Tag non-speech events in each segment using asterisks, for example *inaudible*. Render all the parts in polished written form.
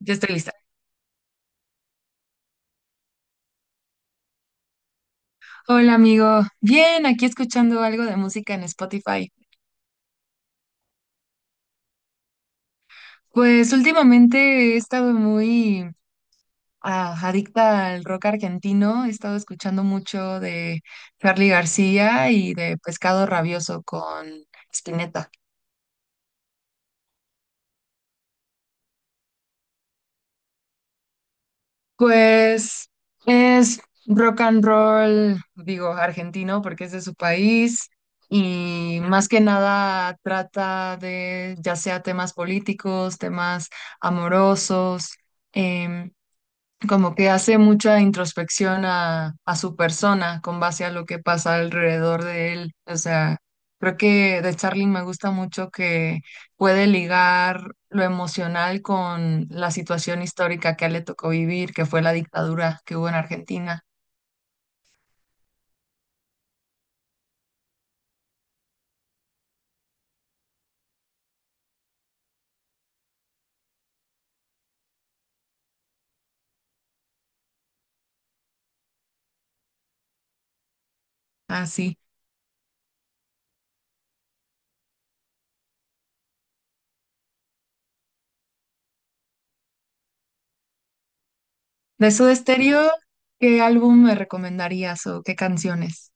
Ya estoy lista. Hola, amigo. Bien, aquí escuchando algo de música en Spotify. Pues últimamente he estado muy adicta al rock argentino. He estado escuchando mucho de Charly García y de Pescado Rabioso con Spinetta. Pues es rock and roll, digo, argentino porque es de su país y más que nada trata de ya sea temas políticos, temas amorosos, em, como que hace mucha introspección a su persona con base a lo que pasa alrededor de él. O sea, creo que de Charlie me gusta mucho que puede ligar lo emocional con la situación histórica que a él le tocó vivir, que fue la dictadura que hubo en Argentina. Así. De Soda Stereo, ¿qué álbum me recomendarías o qué canciones?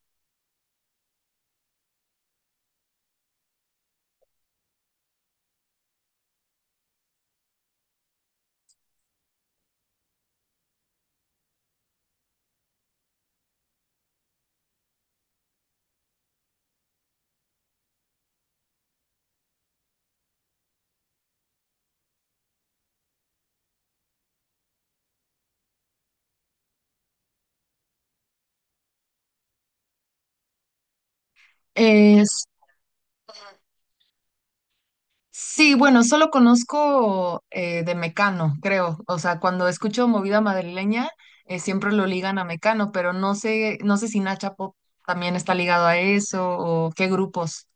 Sí, bueno, solo conozco de Mecano, creo. O sea, cuando escucho movida madrileña, siempre lo ligan a Mecano, pero no sé, no sé si Nacha Pop también está ligado a eso o qué grupos.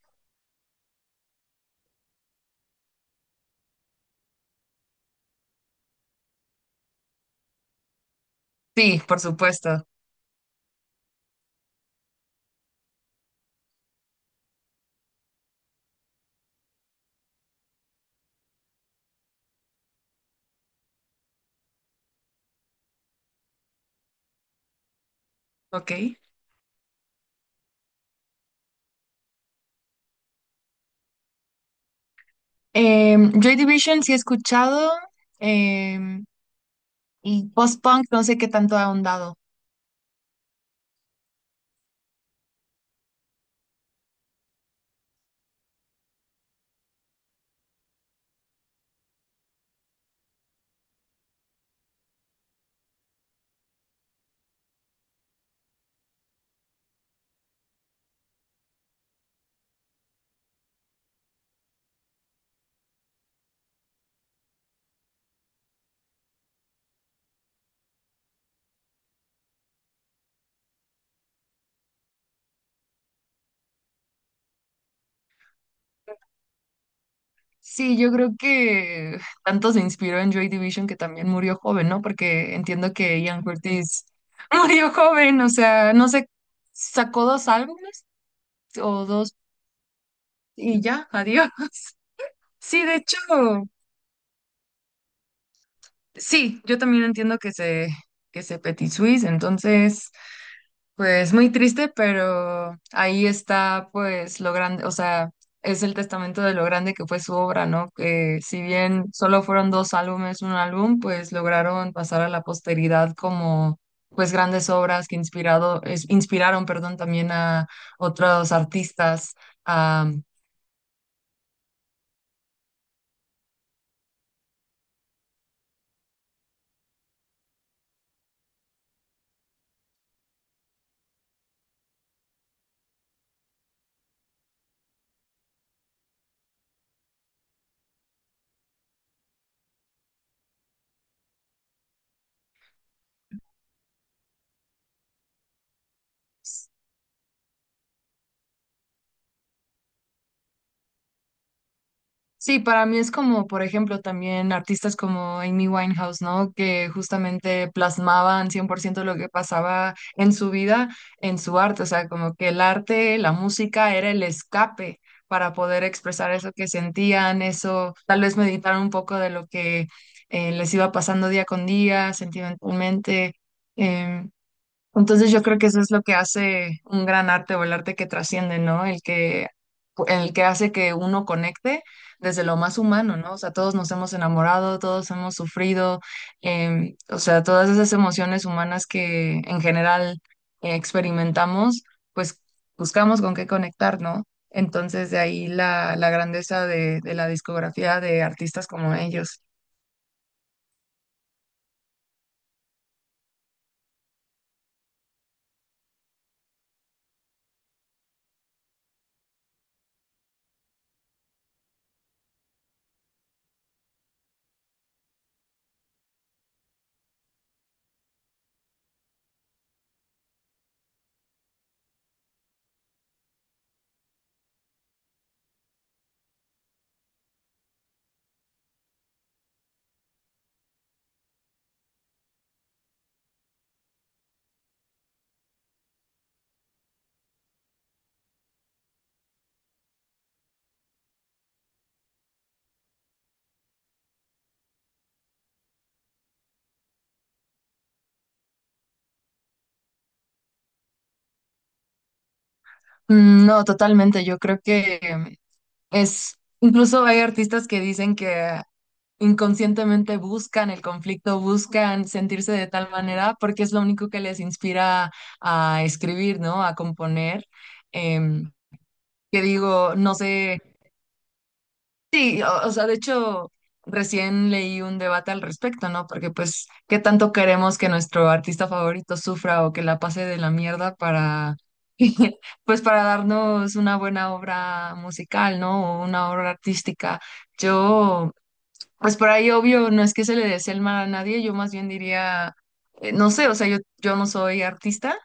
Sí, por supuesto. Ok. Joy Division sí he escuchado em, y post-punk no sé qué tanto ha ahondado. Sí, yo creo que tanto se inspiró en Joy Division que también murió joven, ¿no? Porque entiendo que Ian Curtis *laughs* murió joven, o sea, no sé, sacó dos álbumes o dos y ya, adiós. *laughs* Sí, de hecho, sí, yo también entiendo que que se Petit Suisse, entonces pues muy triste, pero ahí está pues lo grande, o sea, es el testamento de lo grande que fue su obra, ¿no? Que si bien solo fueron dos álbumes, un álbum, pues lograron pasar a la posteridad como pues grandes obras que inspiraron, perdón, también a otros artistas. Sí, para mí es como, por ejemplo, también artistas como Amy Winehouse, ¿no? Que justamente plasmaban 100% lo que pasaba en su vida, en su arte, o sea, como que el arte, la música era el escape para poder expresar eso que sentían, eso, tal vez meditar un poco de lo que les iba pasando día con día, sentimentalmente. Em, entonces yo creo que eso es lo que hace un gran arte o el arte que trasciende, ¿no? El que hace que uno conecte desde lo más humano, ¿no? O sea, todos nos hemos enamorado, todos hemos sufrido, o sea, todas esas emociones humanas que en general experimentamos, pues buscamos con qué conectar, ¿no? Entonces de ahí la grandeza de la discografía de artistas como ellos. Mm. No, totalmente. Yo creo que es, incluso hay artistas que dicen que inconscientemente buscan el conflicto, buscan sentirse de tal manera porque es lo único que les inspira a escribir, ¿no? A componer. Em, que digo, no sé. Sí, o sea, de hecho, recién leí un debate al respecto, ¿no? Porque pues, ¿qué tanto queremos que nuestro artista favorito sufra o que la pase de la mierda para, *laughs* pues, para darnos una buena obra musical, ¿no? O una obra artística. Yo pues por ahí, obvio, no es que se le desee el mal a nadie, yo más bien diría, no sé, o sea, yo no soy artista,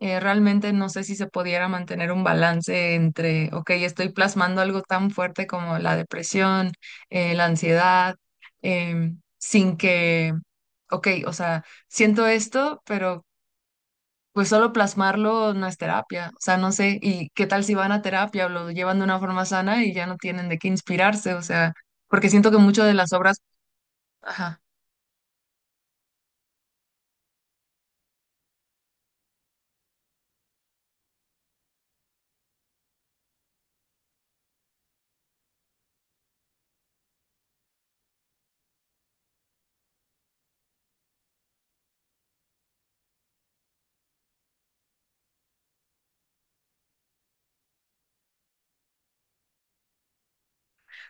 realmente no sé si se pudiera mantener un balance entre, ok, estoy plasmando algo tan fuerte como la depresión, la ansiedad, sin que, ok, o sea, siento esto, pero pues solo plasmarlo no es terapia, o sea, no sé, y qué tal si van a terapia o lo llevan de una forma sana y ya no tienen de qué inspirarse, o sea, porque siento que muchas de las obras... Ajá.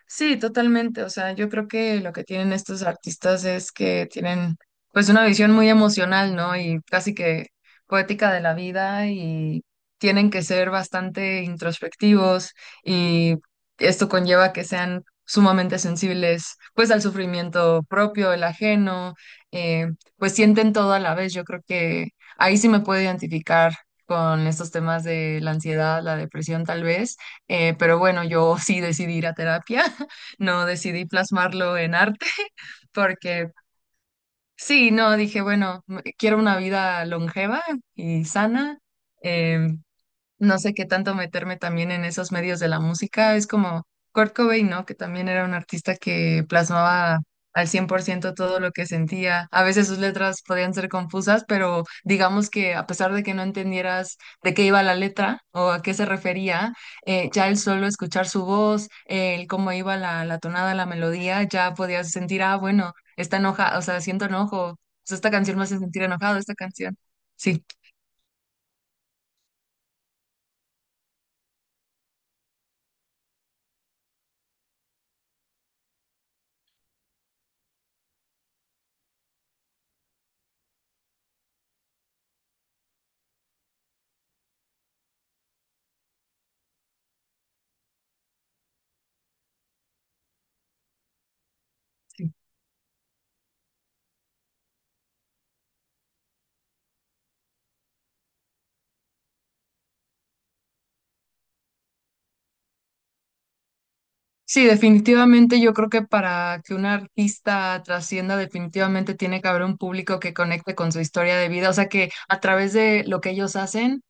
Sí, totalmente. O sea, yo creo que lo que tienen estos artistas es que tienen pues una visión muy emocional, ¿no? Y casi que poética de la vida y tienen que ser bastante introspectivos y esto conlleva que sean sumamente sensibles pues al sufrimiento propio, el ajeno, eh, pues sienten todo a la vez. Yo creo que ahí sí me puedo identificar con estos temas de la ansiedad, la depresión tal vez pero bueno, yo *laughs* sí decidí ir a terapia, *laughs* no decidí plasmarlo en arte, *laughs* porque sí, no, dije, bueno, quiero una vida longeva y sana. em, no sé qué tanto meterme también en esos medios de la música. Es como Kurt Cobain, ¿no? Que también era un artista que plasmaba al 100% todo lo que sentía. A veces sus letras podían ser confusas, pero digamos que a pesar de que no entendieras de qué iba la letra o a qué se refería, ya el solo escuchar su voz, el cómo iba la tonada, la melodía, ya podías sentir, ah, bueno, está enojado, o sea, siento enojo. O sea, esta canción me hace sentir enojado, esta canción. Sí. Sí. Sí, definitivamente yo creo que para que un artista trascienda, definitivamente tiene que haber un público que conecte con su historia de vida, o sea que a través de lo que ellos hacen,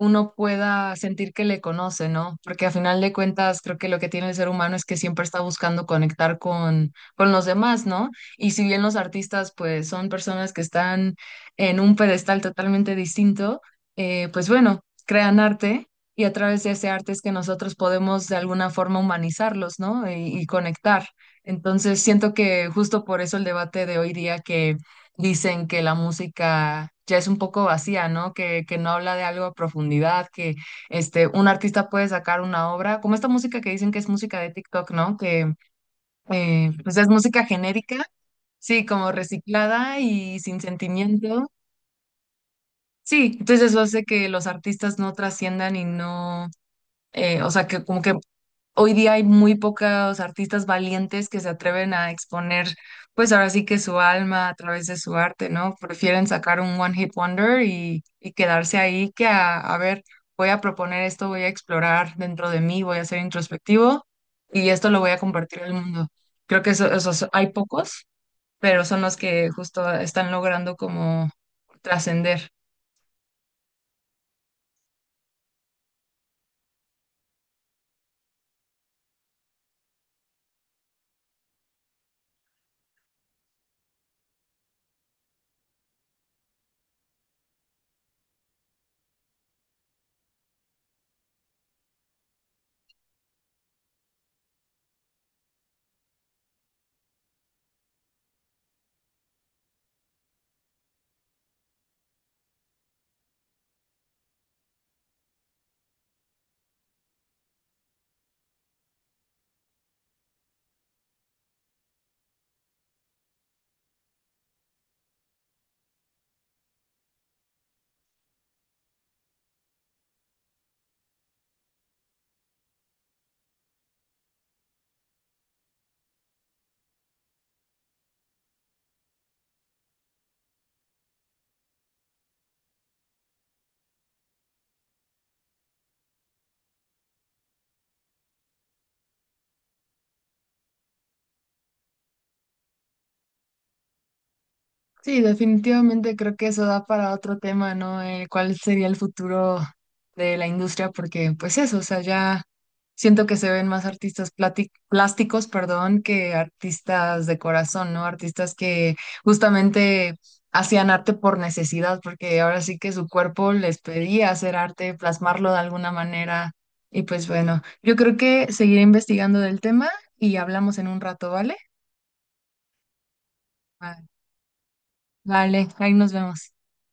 uno pueda sentir que le conoce, ¿no? Porque a final de cuentas creo que lo que tiene el ser humano es que siempre está buscando conectar con los demás, ¿no? Y si bien los artistas pues son personas que están en un pedestal totalmente distinto, pues bueno, crean arte. Y a través de ese arte es que nosotros podemos de alguna forma humanizarlos, ¿no? Y conectar. Entonces, siento que justo por eso el debate de hoy día que dicen que la música ya es un poco vacía, ¿no? Que no habla de algo a profundidad, que este, un artista puede sacar una obra, como esta música que dicen que es música de TikTok, ¿no? Que pues es música genérica, sí, como reciclada y sin sentimiento. Sí, entonces eso hace que los artistas no trasciendan y no o sea, que como que hoy día hay muy pocos artistas valientes que se atreven a exponer, pues ahora sí que su alma a través de su arte, ¿no? Prefieren sacar un one hit wonder y quedarse ahí que a ver, voy a proponer esto, voy a explorar dentro de mí, voy a ser introspectivo y esto lo voy a compartir al mundo. Creo que eso, esos hay pocos, pero son los que justo están logrando como trascender. Sí, definitivamente creo que eso da para otro tema, ¿no? ¿Cuál sería el futuro de la industria? Porque, pues eso, o sea, ya siento que se ven más artistas plásticos, perdón, que artistas de corazón, ¿no? Artistas que justamente hacían arte por necesidad, porque ahora sí que su cuerpo les pedía hacer arte, plasmarlo de alguna manera. Y pues bueno, yo creo que seguiré investigando del tema y hablamos en un rato, ¿vale? Vale, vale, ahí nos vemos.